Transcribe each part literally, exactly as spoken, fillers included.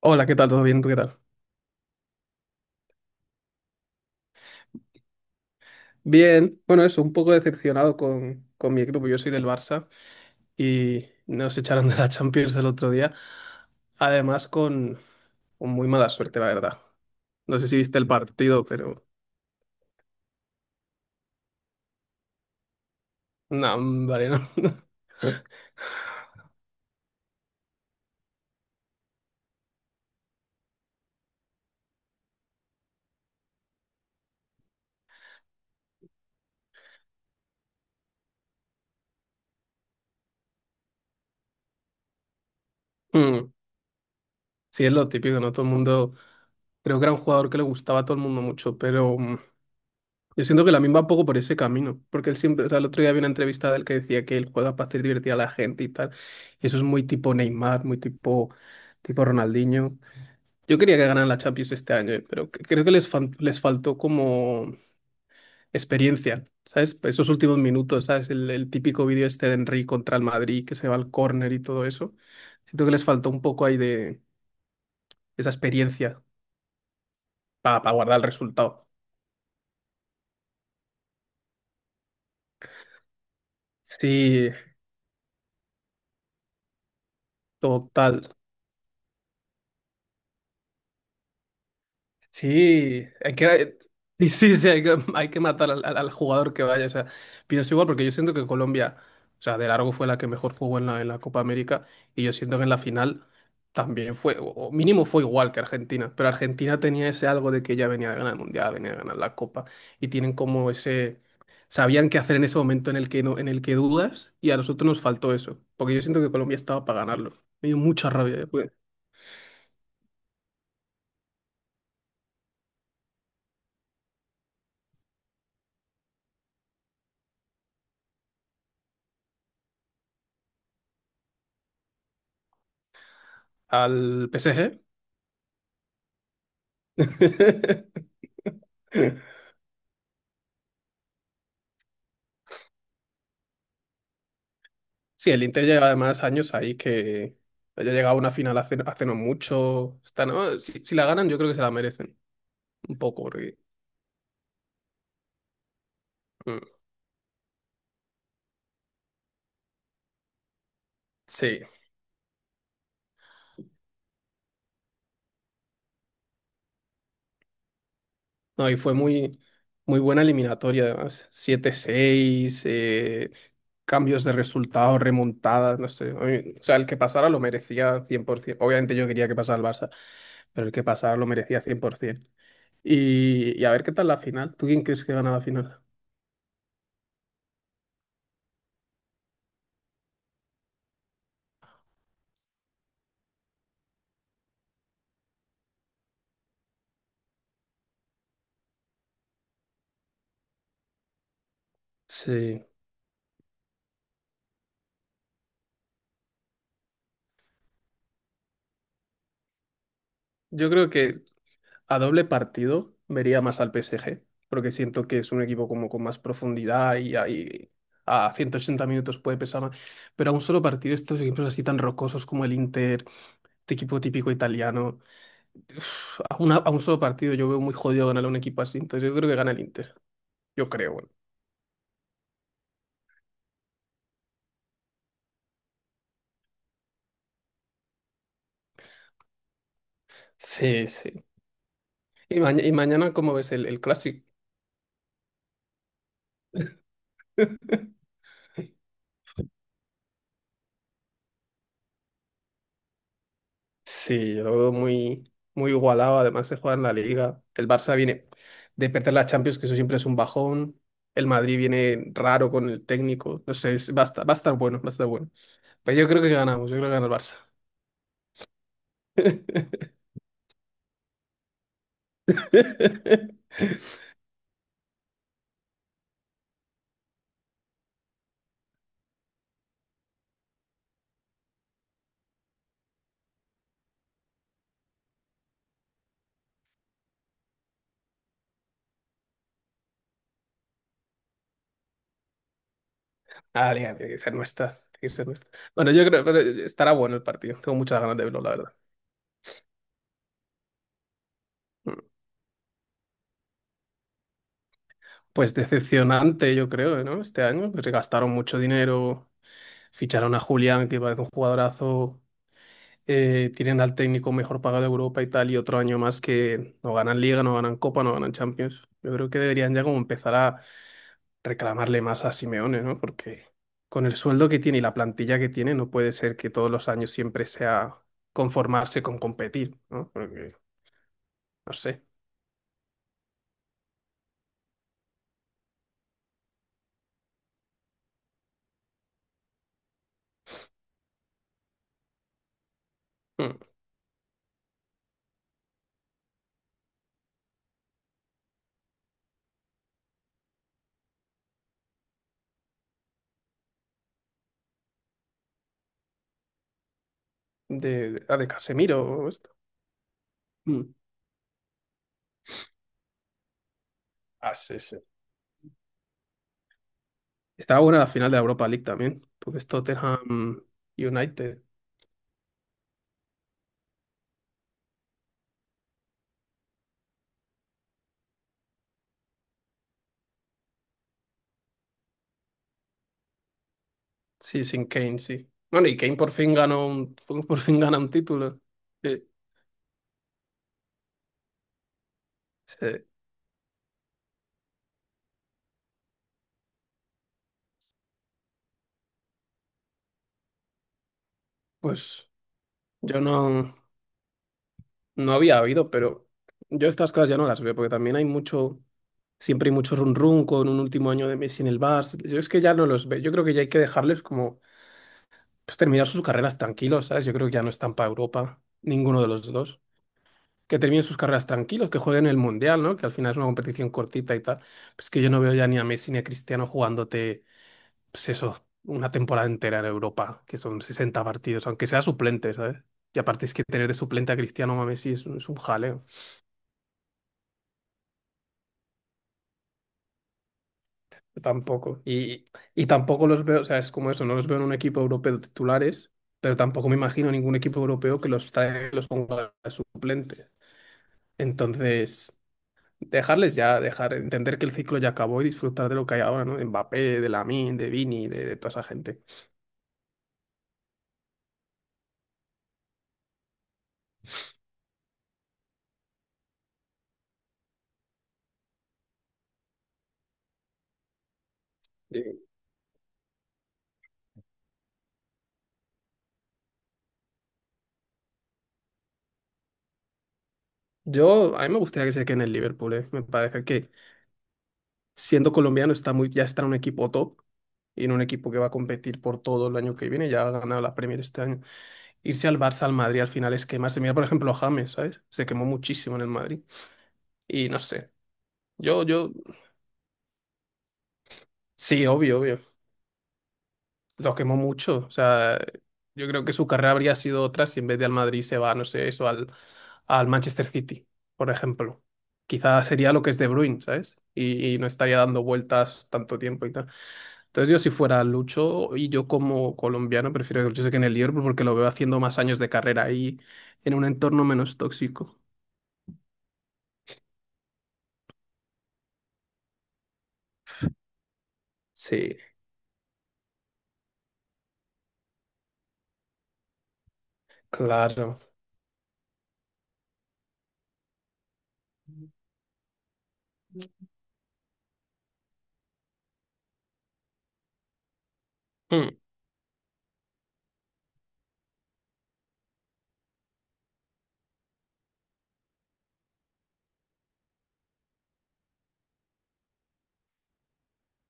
Hola, ¿qué tal? ¿Todo bien? ¿Tú qué tal? Bien, bueno, eso, un poco decepcionado con, con mi equipo. Yo soy del Barça y nos echaron de la Champions el otro día. Además, con, con muy mala suerte, la verdad. No sé si viste el partido, pero no, vale, no. Mm, Sí, es lo típico, ¿no? Todo el mundo. Creo que era un jugador que le gustaba a todo el mundo mucho, pero mm, yo siento que la misma va un poco por ese camino, porque él siempre, o sea, el otro día había una entrevista del que decía que él juega para hacer divertir a la gente y tal, y eso es muy tipo Neymar, muy tipo, tipo Ronaldinho. Yo quería que ganaran la Champions este año, eh, pero cre- creo que les, fan- les faltó como experiencia, ¿sabes? Pues esos últimos minutos, ¿sabes? El, el típico vídeo este de Henry contra el Madrid, que se va al córner y todo eso. Siento que les faltó un poco ahí de esa experiencia para guardar el resultado. Sí, total. Sí, hay que, eh, y sí, sí, hay que, hay que matar al, al- al jugador que vaya. O sea, pienso igual porque yo siento que Colombia, o sea, de largo fue la que mejor jugó en la, en la Copa América y yo siento que en la final también fue, o o mínimo fue igual que Argentina, pero Argentina tenía ese algo de que ya venía de ganar el Mundial, venía de ganar la Copa y tienen como ese, sabían qué hacer en ese momento en el que, no, en el que dudas, y a nosotros nos faltó eso, porque yo siento que Colombia estaba para ganarlo. Me dio mucha rabia después. Al P S G. Sí, el Inter lleva además años ahí que haya llegado a una final hace, hace no mucho. Está- no, si, si la ganan, yo creo que se la merecen. Un poco, porque… mm, sí. No, y fue muy, muy buena eliminatoria, además. Siete seis, eh, cambios de resultados, remontadas, no sé. A mí- o sea, el que pasara lo merecía cien por ciento. Obviamente yo quería que pasara el Barça, pero el que pasara lo merecía cien por ciento. Y, y a ver qué tal la final. ¿Tú quién crees que gana la final? Sí. Yo creo que a doble partido vería más al P S G, porque siento que es un equipo como con más profundidad y ahí a ciento ochenta minutos puede pesar más. Pero a un solo partido, estos equipos así tan rocosos como el Inter, este equipo típico italiano, a, una- a un solo partido yo veo muy jodido ganar a un equipo así, entonces yo creo que gana el Inter. Yo creo, bueno. Sí, sí. Y, maña- y mañana, ¿cómo ves el, el clásico? Sí, yo lo veo muy, muy igualado. Además, se juega en la Liga. El Barça viene de perder la Champions, que eso siempre es un bajón. El Madrid viene raro con el técnico. No sé, es- va a estar, va a estar bueno, va a estar bueno. Pero yo creo que ganamos, yo creo que gana el Barça. Ah, liga, tiene que ser nuestra. Tiene que ser nuestra. Bueno, yo creo que estará bueno el partido. Tengo muchas ganas de verlo, la verdad. Mm. Pues decepcionante, yo creo, ¿no? Este año, porque gastaron mucho dinero, ficharon a Julián, que parece un jugadorazo, eh, tienen al técnico mejor pagado de Europa y tal, y otro año más que no ganan Liga, no ganan Copa, no ganan Champions. Yo creo que deberían ya como empezar a reclamarle más a Simeone, ¿no? Porque con el sueldo que tiene y la plantilla que tiene, no puede ser que todos los años siempre sea conformarse con competir, ¿no? Porque, no sé, mm, de, de, ah, de Casemiro o esto. Mm. Ah, sí, sí. Estaba buena la final de la Europa League también, porque es Tottenham United. Sí, sin Kane, sí. Bueno, y Kane por fin ganó un, por fin gana un título. Sí, sí. Pues yo no, no había habido, pero yo estas cosas ya no las veo, porque también hay mucho, siempre hay mucho run run con un último año de Messi en el Barça. Yo es que ya no los veo. Yo creo que ya hay que dejarles como pues, terminar sus carreras tranquilos, ¿sabes? Yo creo que ya no están para Europa, ninguno de los dos. Que terminen sus carreras tranquilos, que jueguen el Mundial, ¿no? Que al final es una competición cortita y tal. Pues que yo no veo ya ni a Messi ni a Cristiano jugándote. Pues eso, una temporada entera en Europa, que son sesenta partidos, aunque sea suplente, ¿sabes? Y aparte es que tener de suplente a Cristiano Messi es, un- es un jaleo. Tampoco. Y, y tampoco los veo, o sea, es como eso, no los veo en un equipo europeo titulares, pero tampoco me imagino ningún equipo europeo que los trae, los ponga de suplente. Entonces, dejarles ya, dejar, entender que el ciclo ya acabó y disfrutar de lo que hay ahora, ¿no? De Mbappé, de Lamine, de Vini, de, de toda esa gente. Sí. Yo, a mí me gustaría que se quede en el Liverpool, ¿eh? Me parece que siendo colombiano, está muy, ya está en un equipo top y en un equipo que va a competir por todo el año que viene. Ya ha ganado la Premier este año. Irse al Barça, al Madrid, al final es quemarse. Mira, por ejemplo, a James, ¿sabes? Se quemó muchísimo en el Madrid. Y no sé. Yo, yo, sí, obvio, obvio. Lo quemó mucho. O sea, yo creo que su carrera habría sido otra si en vez de al Madrid se va, no sé, eso, al, al Manchester City, por ejemplo. Quizás sería lo que es De Bruyne, ¿sabes? Y, y no estaría dando vueltas tanto tiempo y tal. Entonces yo si fuera Lucho y yo como colombiano prefiero que Lucho se quede en el Liverpool porque lo veo haciendo más años de carrera ahí en un entorno menos tóxico. Sí, claro. Mm,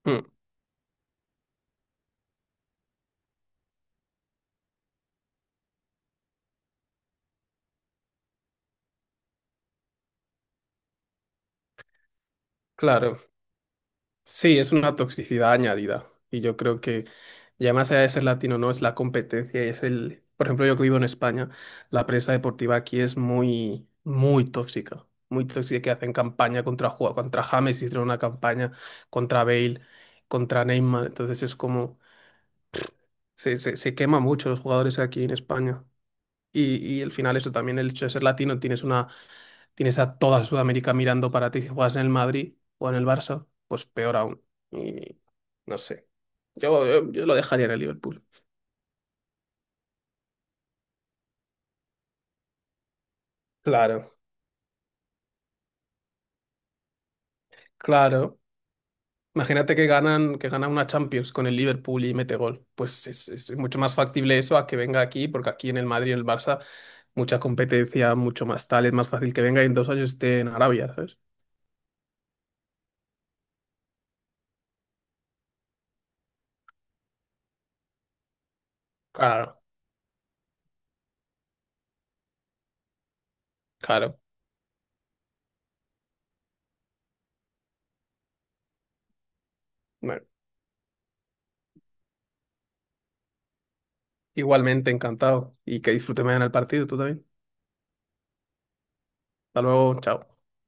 mm, claro. Sí, es una toxicidad añadida. Y yo creo que ya más allá de ser latino, no, es la competencia, es el… Por ejemplo, yo que vivo en España, la prensa deportiva aquí es muy, muy tóxica. Muy tóxica que hacen campaña contra, Ju- contra James, hicieron una campaña contra Bale, contra Neymar. Entonces es como… Se, se, se quema mucho los jugadores aquí en España. Y, y al final eso también, el hecho de ser latino, tienes una, tienes a toda Sudamérica mirando para ti. Si juegas en el Madrid o en el Barça, pues peor aún. Y no sé. Yo, yo, yo lo dejaría en el Liverpool. Claro, claro. Imagínate que ganan, que gana una Champions con el Liverpool y mete gol. Pues es, es mucho más factible eso a que venga aquí, porque aquí en el Madrid y en el Barça, mucha competencia, mucho más tal, es más fácil que venga y en dos años esté en Arabia, ¿sabes? Claro, claro. Igualmente, encantado. Y que disfrutes mañana el partido, tú también. Hasta luego, chao.